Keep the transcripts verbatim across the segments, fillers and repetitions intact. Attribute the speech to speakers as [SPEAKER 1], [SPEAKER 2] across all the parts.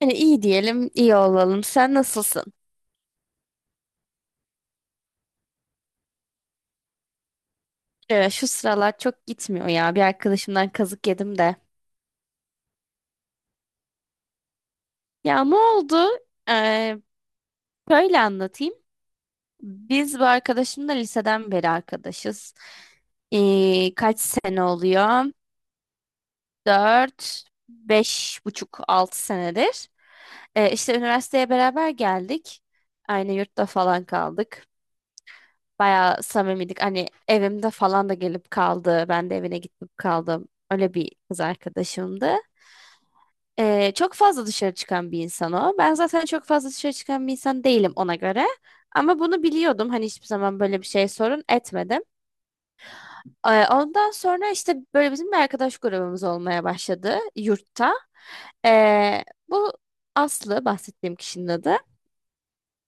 [SPEAKER 1] Yani iyi diyelim, iyi olalım. Sen nasılsın? Ee, şu sıralar çok gitmiyor ya. Bir arkadaşımdan kazık yedim de. Ya ne oldu? Ee, böyle anlatayım. Biz bu arkadaşımla liseden beri arkadaşız. Ee, kaç sene oluyor? Dört, beş buçuk, altı senedir. Ee, işte üniversiteye beraber geldik. Aynı yurtta falan kaldık. Bayağı samimiydik. Hani evimde falan da gelip kaldı. Ben de evine gitip kaldım. Öyle bir kız arkadaşımdı. Ee, çok fazla dışarı çıkan bir insan o. Ben zaten çok fazla dışarı çıkan bir insan değilim ona göre. Ama bunu biliyordum. Hani hiçbir zaman böyle bir şey sorun etmedim. Ee, ondan sonra işte böyle bizim bir arkadaş grubumuz olmaya başladı yurtta. Ee, bu Aslı bahsettiğim kişinin adı.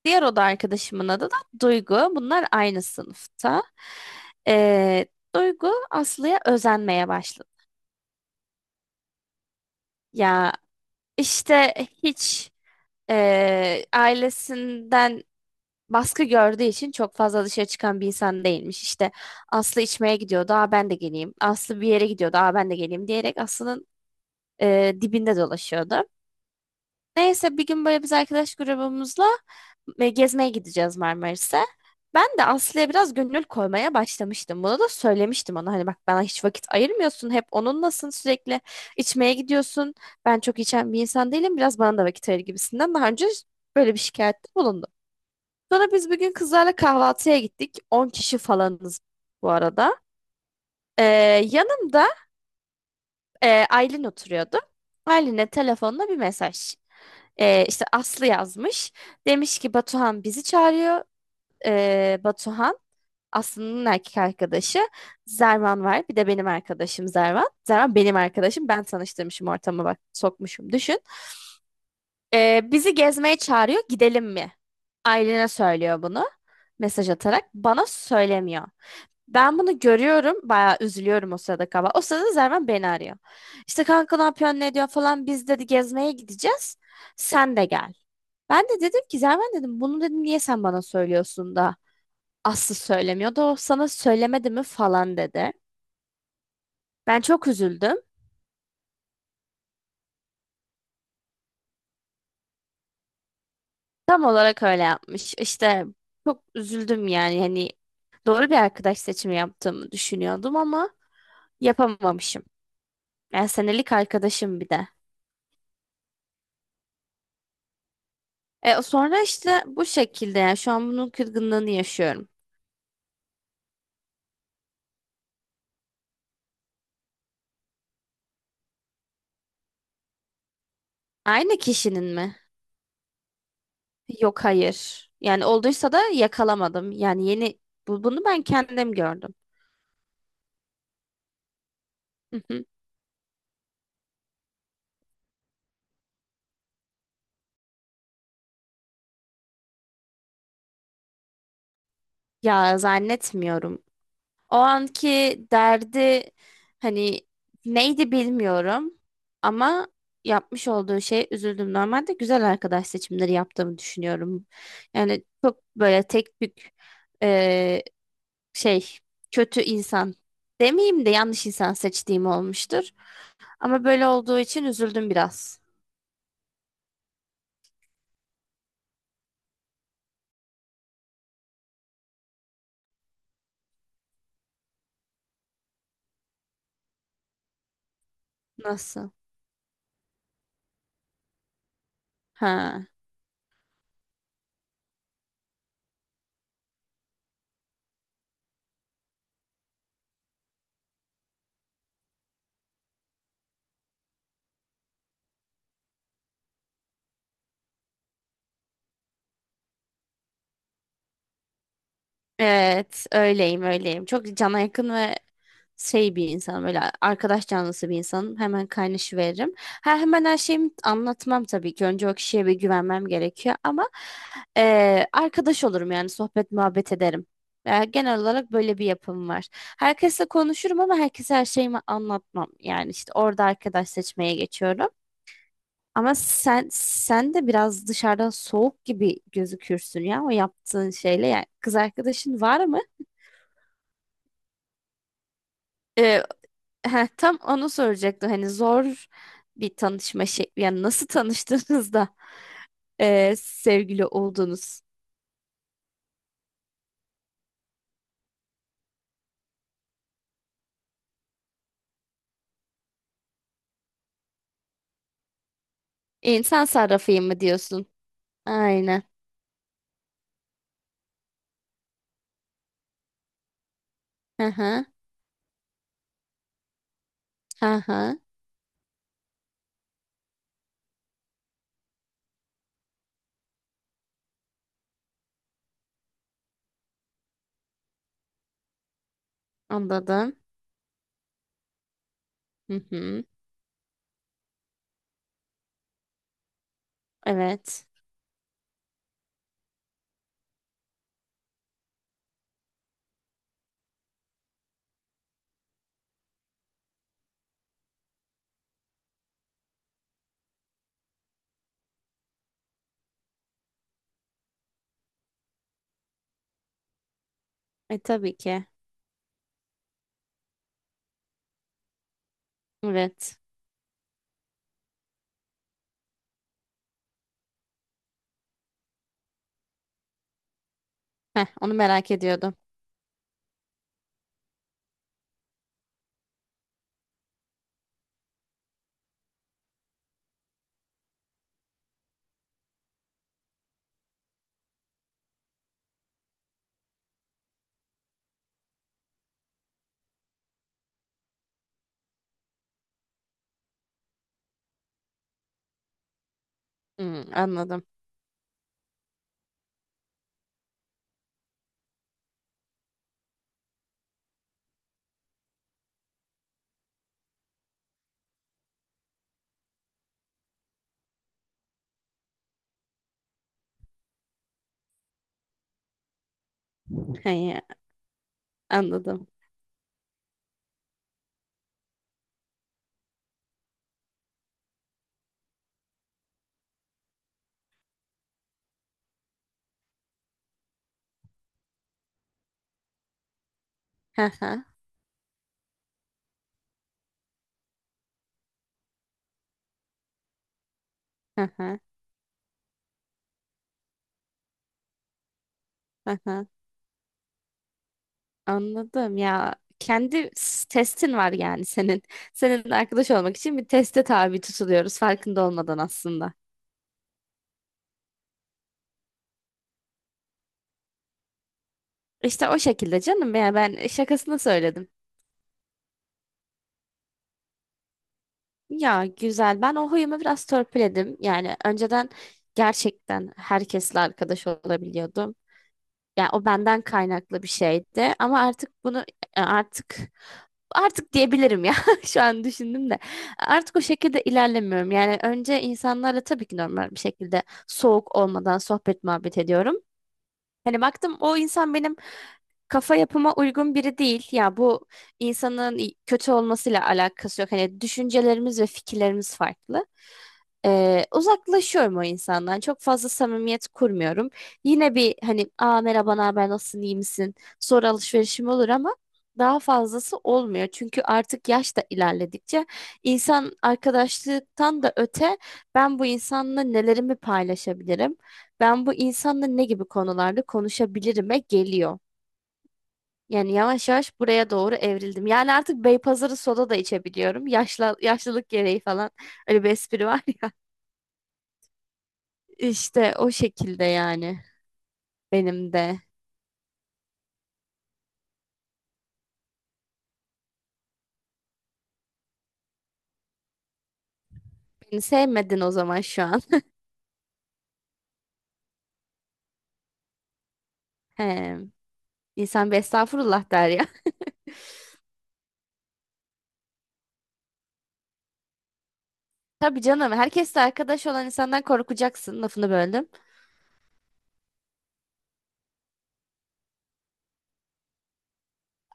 [SPEAKER 1] Diğer oda arkadaşımın adı da Duygu. Bunlar aynı sınıfta. Ee, Duygu Aslı'ya özenmeye başladı. Ya işte hiç e, ailesinden baskı gördüğü için çok fazla dışarı çıkan bir insan değilmiş. İşte Aslı içmeye gidiyordu, aa ben de geleyim. Aslı bir yere gidiyordu, aa ben de geleyim diyerek Aslı'nın e, dibinde dolaşıyordu. Neyse bir gün böyle biz arkadaş grubumuzla e, gezmeye gideceğiz Marmaris'e. Ben de Aslı'ya biraz gönül koymaya başlamıştım. Bunu da söylemiştim ona. Hani bak bana hiç vakit ayırmıyorsun. Hep onunlasın sürekli. İçmeye gidiyorsun. Ben çok içen bir insan değilim. Biraz bana da vakit ayır gibisinden. Daha önce böyle bir şikayette bulundum. Sonra biz bugün kızlarla kahvaltıya gittik. On kişi falanız bu arada. Ee, yanımda e, Aylin oturuyordu. Aylin'e telefonla bir mesaj. Ee, işte Aslı yazmış. Demiş ki Batuhan bizi çağırıyor. Ee, Batuhan Aslı'nın erkek arkadaşı. Zervan var. Bir de benim arkadaşım Zervan. Zervan benim arkadaşım. Ben tanıştırmışım ortama bak sokmuşum düşün. Ee, bizi gezmeye çağırıyor. Gidelim mi? Aylin'e söylüyor bunu. Mesaj atarak. Bana söylemiyor. Ben bunu görüyorum. Bayağı üzülüyorum o sırada kaba. O sırada Zervan beni arıyor. İşte kanka ne yapıyorsun ne diyor falan. Biz dedi gezmeye gideceğiz. Sen de gel. Ben de dedim ki Zerven dedim bunu dedim niye sen bana söylüyorsun da Aslı söylemiyor da o sana söylemedi mi falan dedi. Ben çok üzüldüm. Tam olarak öyle yapmış. İşte çok üzüldüm yani hani doğru bir arkadaş seçimi yaptığımı düşünüyordum ama yapamamışım. Yani senelik arkadaşım bir de. E, sonra işte bu şekilde yani şu an bunun kırgınlığını yaşıyorum. Aynı kişinin mi? Yok hayır. Yani olduysa da yakalamadım. Yani yeni bu- bunu ben kendim gördüm. Ya zannetmiyorum. O anki derdi hani neydi bilmiyorum ama yapmış olduğu şey üzüldüm. Normalde güzel arkadaş seçimleri yaptığımı düşünüyorum. Yani çok böyle tek tük eee, şey kötü insan demeyeyim de yanlış insan seçtiğim olmuştur. Ama böyle olduğu için üzüldüm biraz. Nasıl? Ha. Evet, öyleyim, öyleyim. Çok cana yakın ve şey bir insanım öyle arkadaş canlısı bir insanım hemen kaynaşıveririm. Ha, hemen her şeyimi anlatmam tabii ki önce o kişiye bir güvenmem gerekiyor ama eee, arkadaş olurum yani sohbet muhabbet ederim. Yani genel olarak böyle bir yapım var. Herkesle konuşurum ama herkese her şeyimi anlatmam. Yani işte orada arkadaş seçmeye geçiyorum. Ama sen sen de biraz dışarıdan soğuk gibi gözükürsün ya o yaptığın şeyle. Yani kız arkadaşın var mı? Ee, Heh, tam onu soracaktım. Hani zor bir tanışma şekli. Yani nasıl tanıştınız da e, sevgili oldunuz? İnsan sarrafıyım mı diyorsun? Aynen. Hı hı. Hı hı. Anladım. Hı hı. Evet. E tabii ki. Evet. Heh, onu merak ediyordum. Hmm, anladım. He, anladım. Hı hı. Hı hı. Hı hı. Anladım ya. Kendi s- testin var yani senin. Senin arkadaş olmak için bir teste tabi tutuluyoruz farkında olmadan aslında. İşte o şekilde canım ya ben şakasını söyledim. Ya güzel ben o huyumu biraz törpüledim. Yani önceden gerçekten herkesle arkadaş olabiliyordum. Yani o benden kaynaklı bir şeydi ama artık bunu e, artık artık diyebilirim ya şu an düşündüm de artık o şekilde ilerlemiyorum. Yani önce insanlarla tabii ki normal bir şekilde soğuk olmadan sohbet muhabbet ediyorum. Hani baktım o insan benim kafa yapıma uygun biri değil. Ya bu insanın kötü olmasıyla alakası yok. Hani düşüncelerimiz ve fikirlerimiz farklı. Ee, uzaklaşıyorum o insandan. Çok fazla samimiyet kurmuyorum. Yine bir hani aa merhaba ne haber nasılsın iyi misin? Sonra alışverişim olur ama daha fazlası olmuyor. Çünkü artık yaş da ilerledikçe insan arkadaşlıktan da öte ben bu insanla nelerimi paylaşabilirim? Ben bu insanla ne gibi konularda konuşabilirime geliyor. Yani yavaş yavaş buraya doğru evrildim. Yani artık Beypazarı soda da içebiliyorum. Yaşla, yaşlılık gereği falan öyle bir espri var. İşte o şekilde yani benim de. Beni sevmedin o zaman şu an. He. İnsan bir estağfurullah der ya. Tabii canım herkesle arkadaş olan insandan korkacaksın lafını böldüm.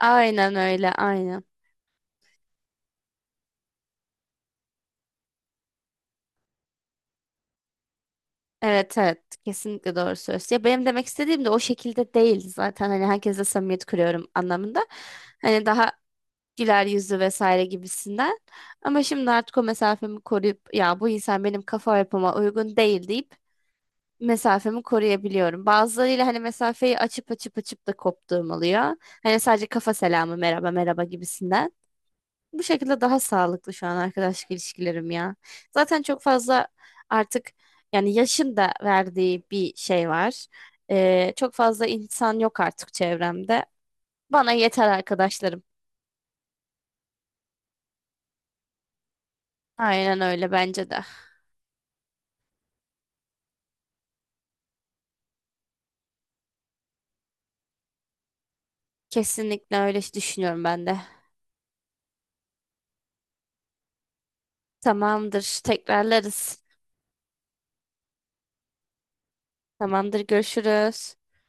[SPEAKER 1] Aynen öyle aynen. Evet evet kesinlikle doğru söz. Ya benim demek istediğim de o şekilde değil zaten hani herkesle samimiyet kuruyorum anlamında. Hani daha güler yüzlü vesaire gibisinden. Ama şimdi artık o mesafemi koruyup ya bu insan benim kafa yapıma uygun değil deyip mesafemi koruyabiliyorum. Bazılarıyla hani mesafeyi açıp açıp açıp da koptuğum oluyor. Hani sadece kafa selamı merhaba merhaba gibisinden. Bu şekilde daha sağlıklı şu an arkadaşlık ilişkilerim ya. Zaten çok fazla artık yani yaşın da verdiği bir şey var. Ee, çok fazla insan yok artık çevremde. Bana yeter arkadaşlarım. Aynen öyle bence de. Kesinlikle öyle düşünüyorum ben de. Tamamdır, tekrarlarız. Tamamdır, görüşürüz.